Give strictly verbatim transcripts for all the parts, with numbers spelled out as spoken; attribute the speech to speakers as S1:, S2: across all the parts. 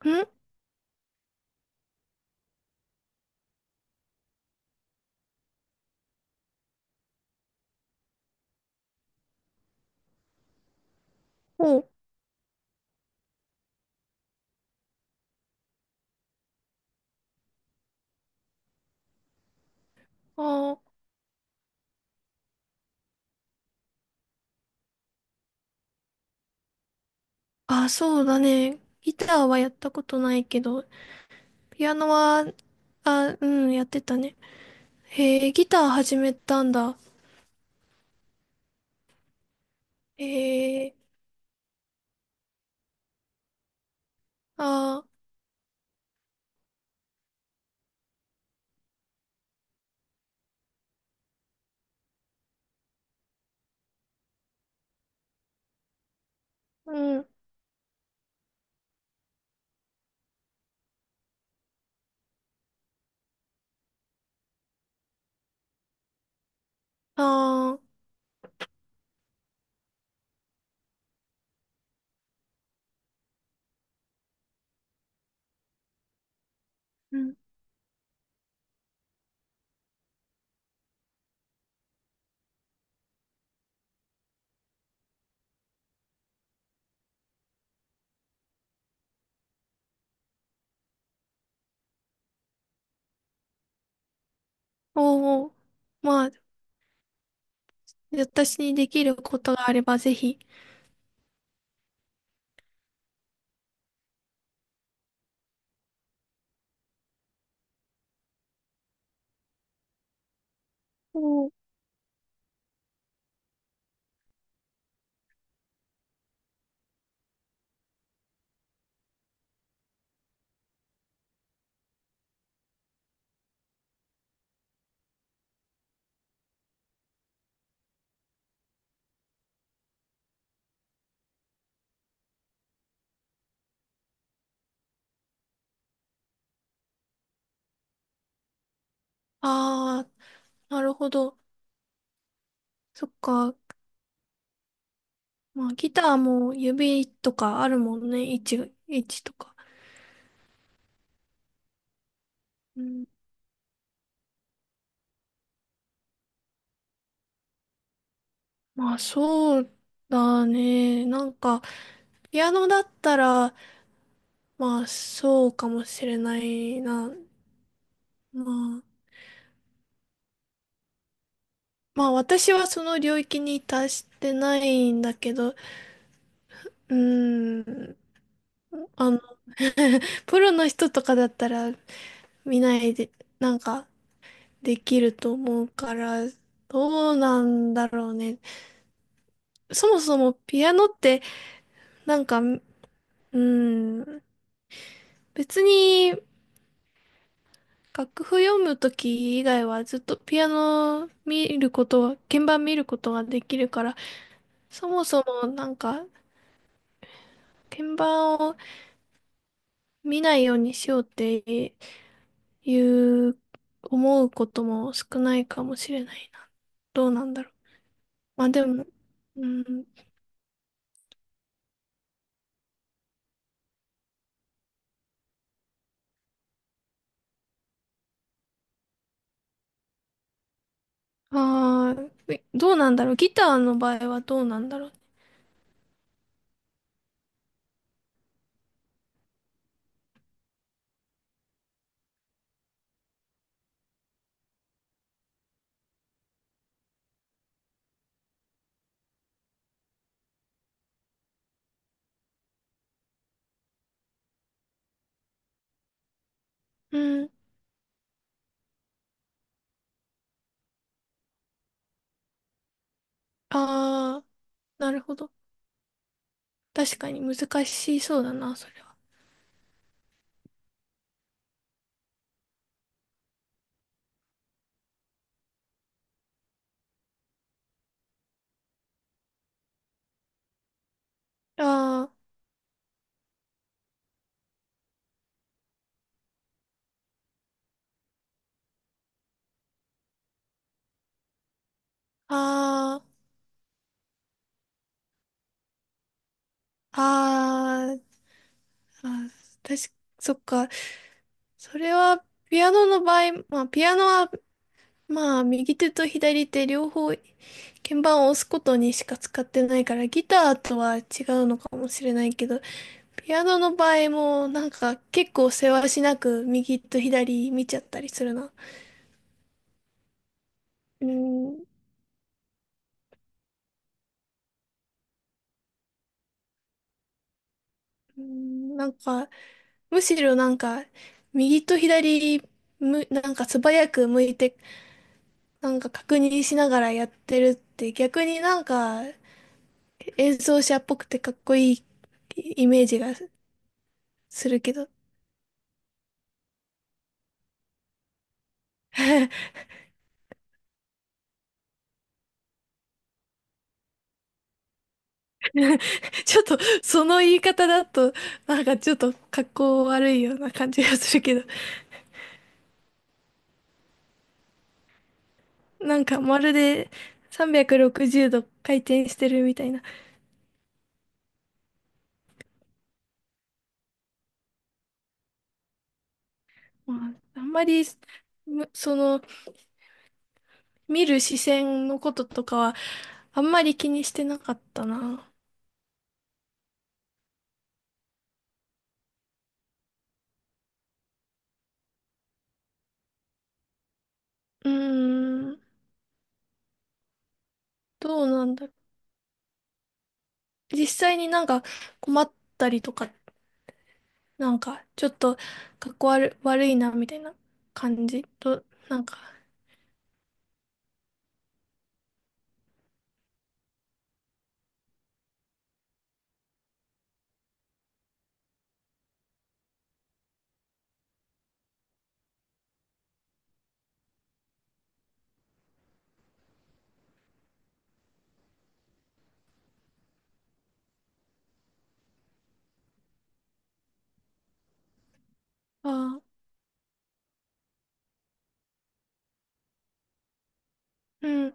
S1: んお、ああ、あそうだね。ギターはやったことないけど、ピアノは、あ、うん、やってたね。へえ、ギター始めたんだ。へえ、あうん、あうん、おおまあ、私にできることがあればぜひ。おあー、なるほど。そっか。まあ、ギターも指とかあるもんね。位置、位置とか。うん、まあ、そうだね。なんか、ピアノだったら、まあ、そうかもしれないな。まあ、まあ、私はその領域に達してないんだけど、うーん、あの、プロの人とかだったら見ないで、なんか、できると思うから、どうなんだろうね。そもそもピアノって、なんか、うーん、別に、楽譜読むとき以外はずっとピアノ見ることは、鍵盤見ることができるから、そもそもなんか鍵盤を見ないようにしようっていう思うことも少ないかもしれないな。どうなんだろう。まあでも、うん、ああ、えどうなんだろう。ギターの場合はどうなんだろう。うん、ああ、なるほど。確かに難しそうだな、それは。ああ、ああ、ああ、あ、確か、そっか。それは、ピアノの場合、まあ、ピアノは、まあ、右手と左手両方、鍵盤を押すことにしか使ってないから、ギターとは違うのかもしれないけど、ピアノの場合も、なんか、結構せわしなく、右と左見ちゃったりするな。うーん、うーんなんか、むしろなんか、右と左、む、なんか素早く向いて、なんか確認しながらやってるって逆になんか演奏者っぽくてかっこいいイメージがするけど、ちょっとその言い方だと、なんかちょっと格好悪いような感じがするけど、なんかまるでさんびゃくろくじゅうど回転してるみたいな。まあ、あんまり、むその、見る視線のこととかは、あんまり気にしてなかったな。うーん、どうなんだろう。実際になんか困ったりとかっなんか、ちょっと、かっこ悪、悪いな、みたいな感じと、なんか、ああ、うん、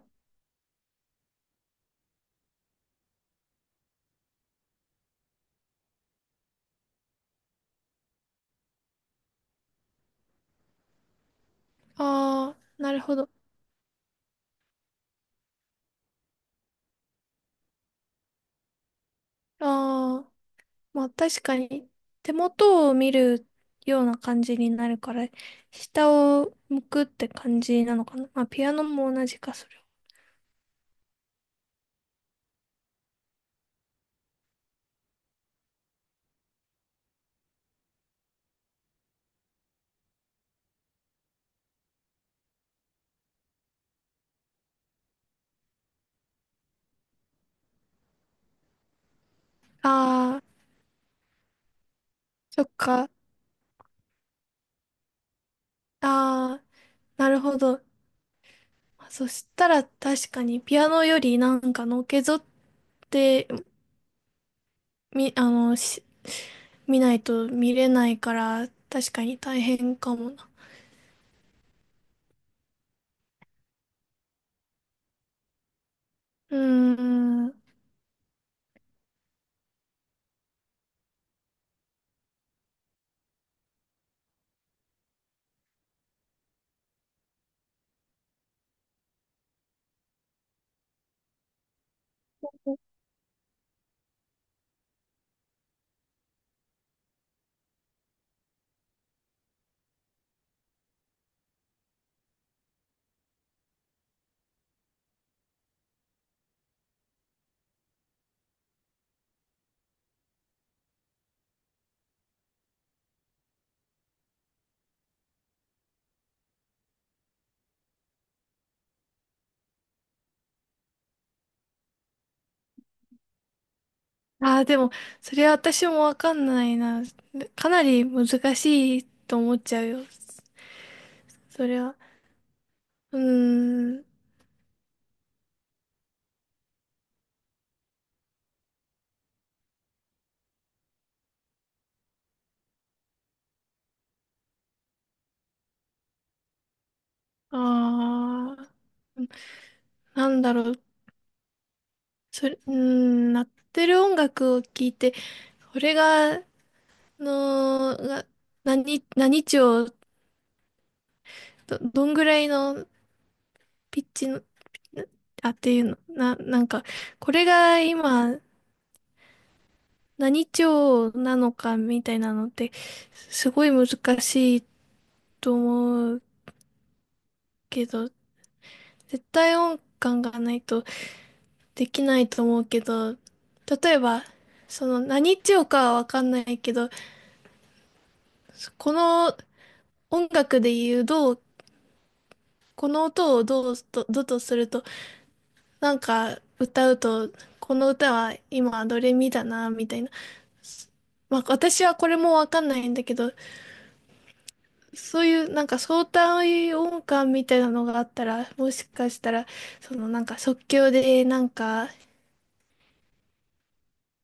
S1: ああ、なるほど。ああ、まあ確かに、手元を見るような感じになるから、下を向くって感じなのかな。まあピアノも同じか、それは。ああ、そっか。ああ、なるほど。そしたら確かにピアノよりなんかのけぞってみ、あの、し見ないと見れないから、確かに大変かもな。うーん。ああ、でも、それは私もわかんないな。かなり難しいと思っちゃうよ。それは。うーん。ああ。なんだろう。それ、うーん、鳴ってる音楽を聞いて、これが、の、が、何、何調、ど、どんぐらいのピッチの、あ、っていうの、な、なんか、これが今、何調なのかみたいなのってすごい難しいと思うけど、絶対音感がないとできないと思うけど、例えば、その何調かはわかんないけど、この音楽で言うどう、この音をどうと、どとすると、なんか歌うと、この歌は今ドレミだな、みたいな。まあ私はこれもわかんないんだけど、そういうなんか相対音感みたいなのがあったら、もしかしたら、そのなんか即興でなんか、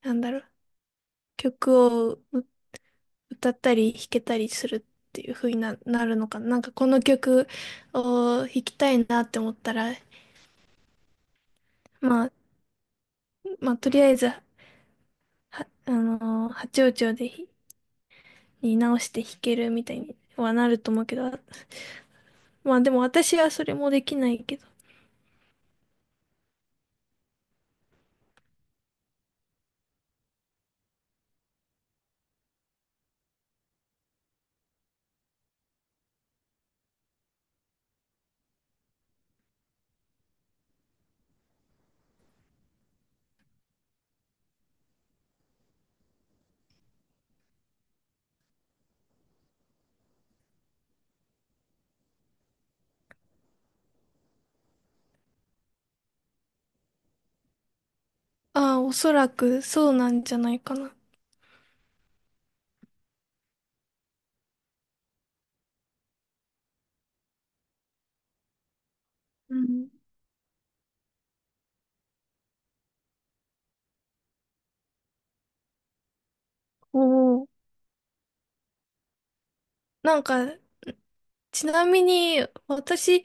S1: なんだろう、曲をう歌ったり弾けたりするっていう風にな、なるのかな。なんかこの曲を弾きたいなって思ったら、まあ、まあとりあえず、は、あのー八王朝でひに直して弾けるみたいにはなると思うけど、まあでも私はそれもできないけど、ああ、おそらくそうなんじゃないかな。うん。おお。なんか、ちなみに、私、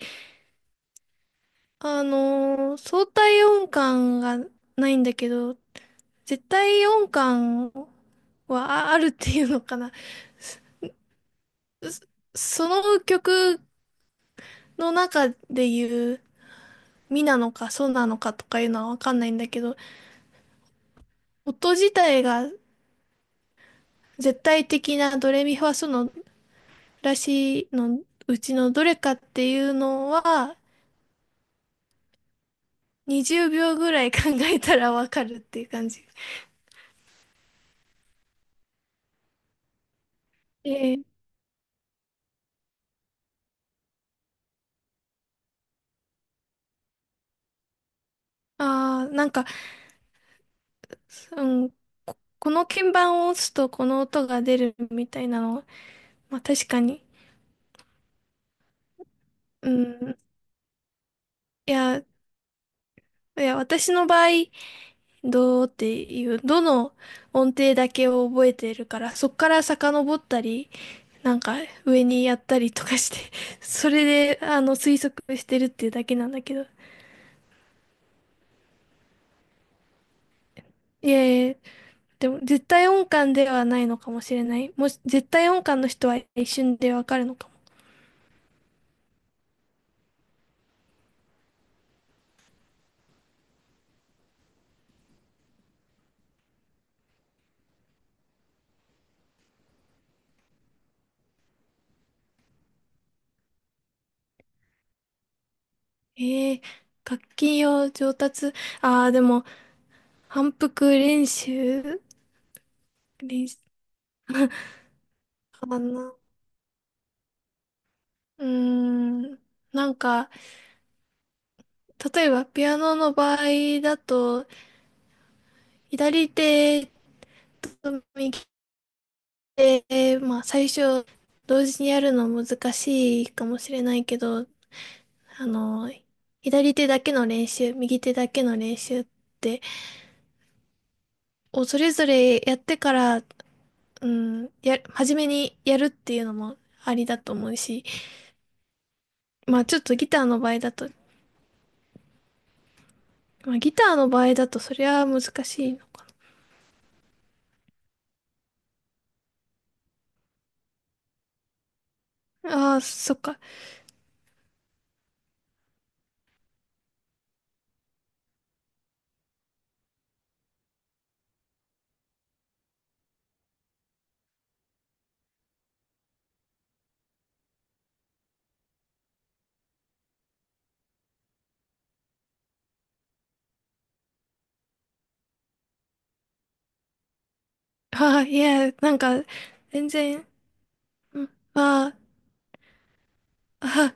S1: あのー相対音感がないんだけど、絶対音感はああるっていうのかな。その曲の中で言う、ミなのかソなのかとかいうのはわかんないんだけど、音自体が絶対的なドレミファソのらしいのうちのどれかっていうのは、にじゅうびょうぐらい考えたらわかるっていう感じ。えああなんか、うん、こ、この鍵盤を押すとこの音が出るみたいなのは、まあ確かに。うん。いや、いや、私の場合、どうっていう、どの音程だけを覚えてるから、そっから遡ったり、なんか上にやったりとかして、それで、あの、推測してるっていうだけなんだけど。いやいや、でも絶対音感ではないのかもしれない。もし、絶対音感の人は一瞬でわかるのかも。えー、楽器を上達、ああ、でも、反復練習、練習かな。うーん、なんか、例えば、ピアノの場合だと、左手と右手、まあ、最初、同時にやるの難しいかもしれないけど、あの、左手だけの練習、右手だけの練習って、をそれぞれやってから、うん、や、初めにやるっていうのもありだと思うし、まあちょっとギターの場合だと、まあギターの場合だとそりゃ難しいのああ、そっか。ああ、いや、なんか、全然、うん、ああ、ああ